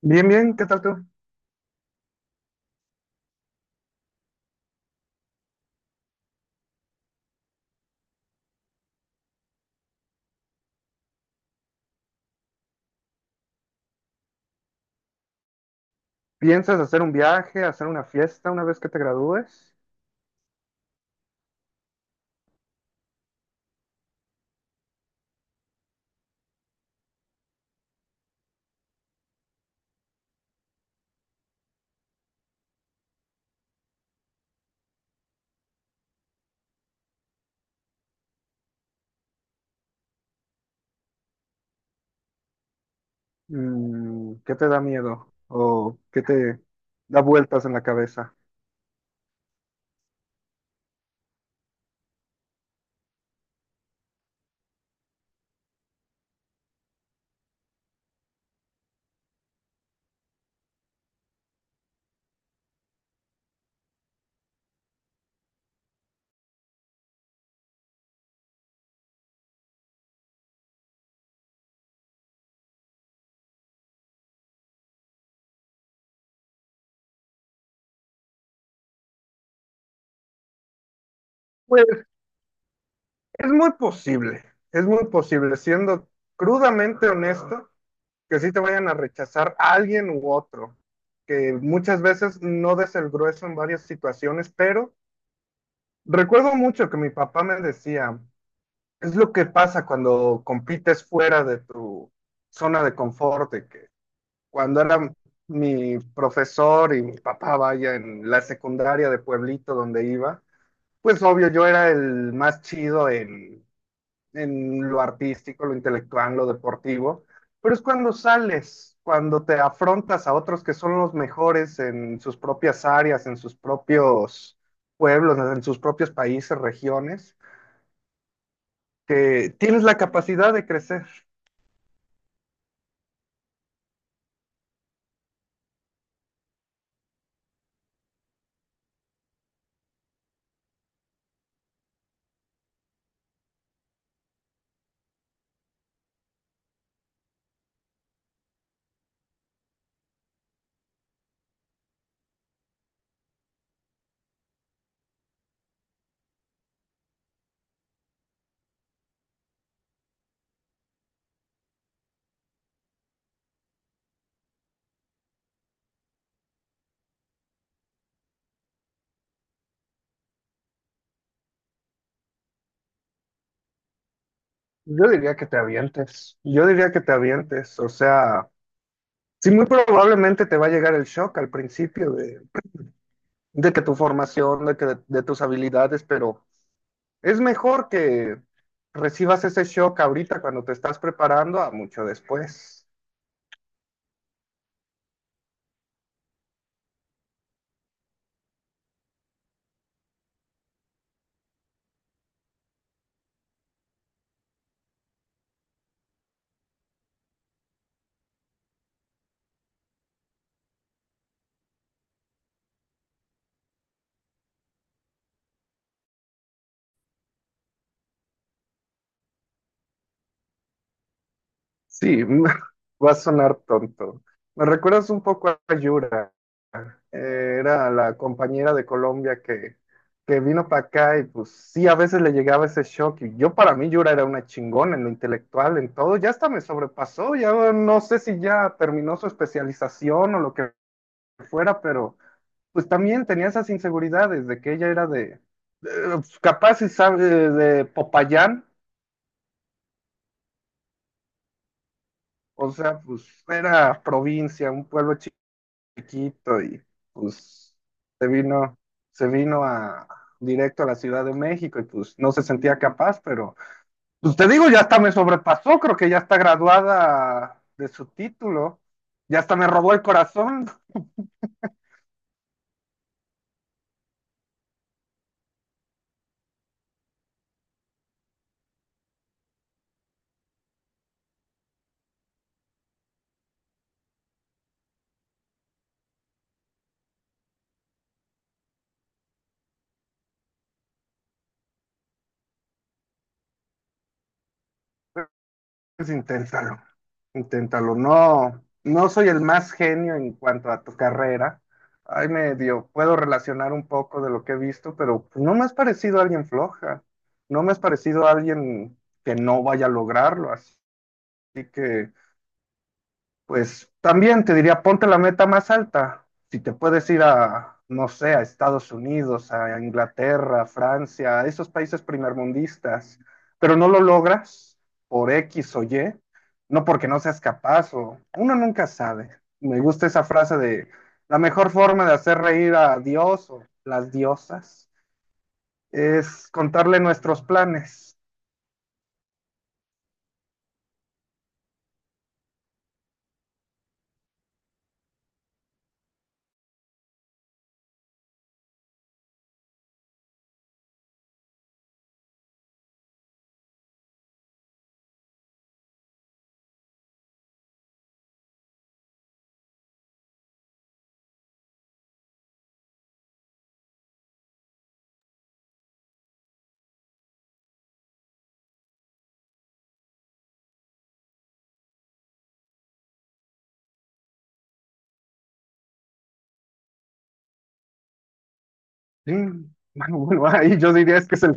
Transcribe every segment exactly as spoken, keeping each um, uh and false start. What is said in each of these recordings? Bien, bien, ¿qué tal tú? ¿Piensas hacer un viaje, hacer una fiesta una vez que te gradúes? Mm, ¿qué te da miedo? ¿O qué te da vueltas en la cabeza? Pues es muy posible, es muy posible, siendo crudamente honesto, que sí te vayan a rechazar a alguien u otro, que muchas veces no des el grueso en varias situaciones, pero recuerdo mucho que mi papá me decía, es lo que pasa cuando compites fuera de tu zona de confort, de que cuando era mi profesor y mi papá, vaya, en la secundaria de pueblito donde iba, pues obvio, yo era el más chido en, en lo artístico, lo intelectual, lo deportivo, pero es cuando sales, cuando te afrontas a otros que son los mejores en sus propias áreas, en sus propios pueblos, en sus propios países, regiones, que tienes la capacidad de crecer. Yo diría que te avientes, yo diría que te avientes, o sea... Sí, muy probablemente te va a llegar el shock al principio de, de que tu formación, de que de tus habilidades, pero es mejor que recibas ese shock ahorita cuando te estás preparando a mucho después. Sí, va a sonar tonto. Me recuerdas un poco a Yura. Eh, era la compañera de Colombia que, que vino para acá y pues sí, a veces le llegaba ese shock. Y yo para mí Yura era una chingona en lo intelectual, en todo, ya hasta me sobrepasó, ya no sé si ya terminó su especialización o lo que fuera, pero pues también tenía esas inseguridades de que ella era de, de- capaz si sabe de Popayán, o sea, pues era provincia, un pueblo chiquito y pues se vino, se vino a directo a la Ciudad de México y pues no se sentía capaz, pero pues te digo, ya hasta me sobrepasó, creo que ya está graduada de su título, ya hasta me robó el corazón, pues inténtalo, inténtalo, no, no soy el más genio en cuanto a tu carrera. Ay, medio, puedo relacionar un poco de lo que he visto, pero pues, no me has parecido alguien floja, no me has parecido alguien que no vaya a lograrlo. Así que, pues, también te diría, ponte la meta más alta. Si te puedes ir a, no sé, a Estados Unidos, a Inglaterra, a Francia, a esos países primermundistas, pero no lo logras por X o Y, no porque no seas capaz o uno nunca sabe. Me gusta esa frase de la mejor forma de hacer reír a Dios o las diosas es contarle nuestros planes. Sí, bueno, bueno, ahí yo diría es que es el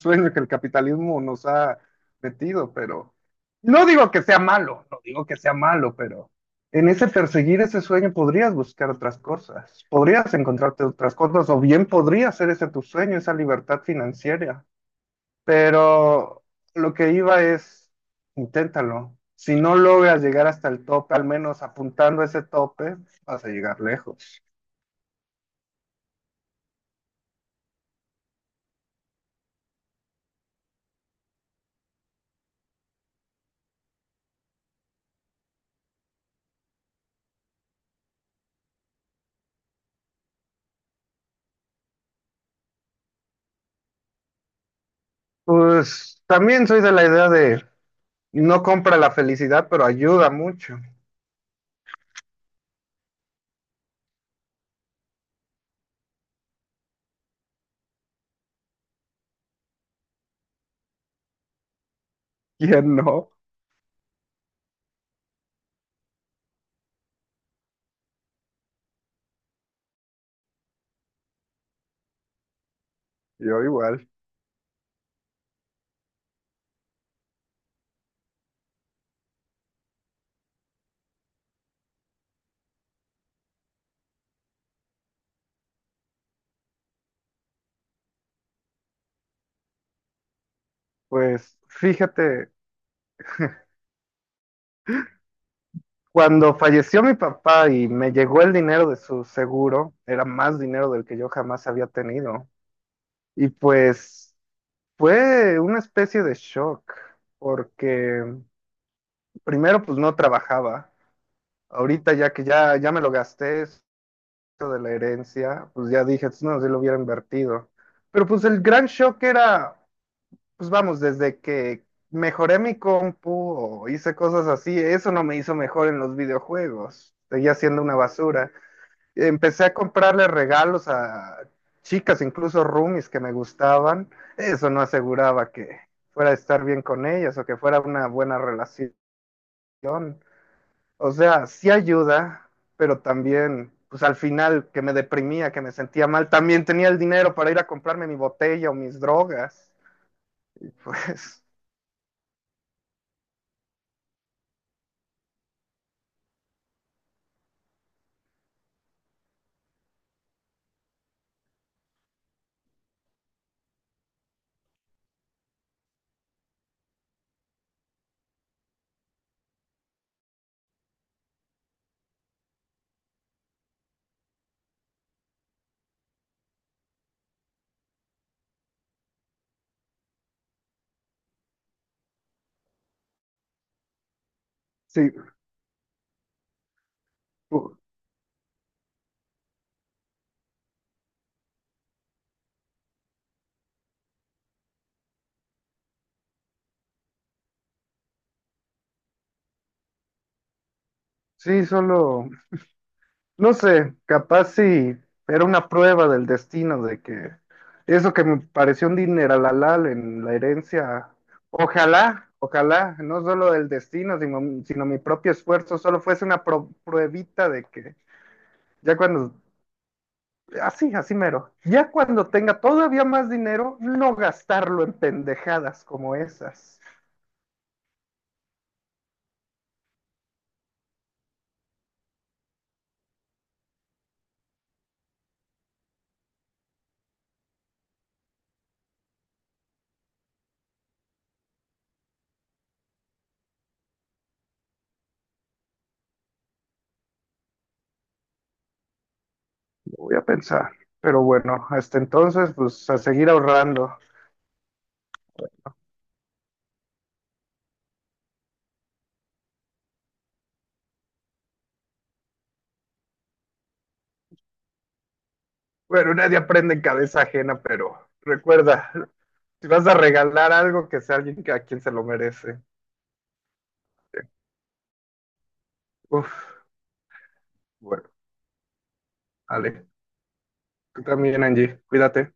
sueño que el capitalismo nos ha metido, pero no digo que sea malo, no digo que sea malo, pero en ese perseguir ese sueño podrías buscar otras cosas, podrías encontrarte otras cosas, o bien podría ser ese tu sueño, esa libertad financiera. Pero lo que iba es, inténtalo. Si no logras llegar hasta el tope, al menos apuntando a ese tope, vas a llegar lejos. Pues también soy de la idea de no compra la felicidad, pero ayuda mucho. ¿Quién no? Yo igual. Pues fíjate, cuando falleció mi papá y me llegó el dinero de su seguro, era más dinero del que yo jamás había tenido. Y pues fue una especie de shock, porque primero pues no trabajaba. Ahorita ya que ya, ya me lo gasté, eso de la herencia, pues ya dije, "Pues, no, si lo hubiera invertido". Pero pues el gran shock era, pues vamos, desde que mejoré mi compu o hice cosas así, eso no me hizo mejor en los videojuegos. Seguía siendo una basura. Empecé a comprarle regalos a chicas, incluso roomies que me gustaban. Eso no aseguraba que fuera a estar bien con ellas o que fuera una buena relación. O sea, sí ayuda, pero también, pues al final que me deprimía, que me sentía mal, también tenía el dinero para ir a comprarme mi botella o mis drogas. Pues sí. Sí, solo, no sé, capaz sí, era una prueba del destino de que eso que me pareció un dineral en la herencia, ojalá, ojalá, no solo del destino, sino, sino mi propio esfuerzo, solo fuese una pro- pruebita de que ya cuando, así, así mero, ya cuando tenga todavía más dinero, no gastarlo en pendejadas como esas. Lo voy a pensar, pero bueno, hasta entonces, pues a seguir ahorrando. Bueno, nadie aprende en cabeza ajena, pero recuerda, si vas a regalar algo, que sea alguien que- a quien se lo merece. Uf, bueno, vale. Tú también, Angie, cuídate.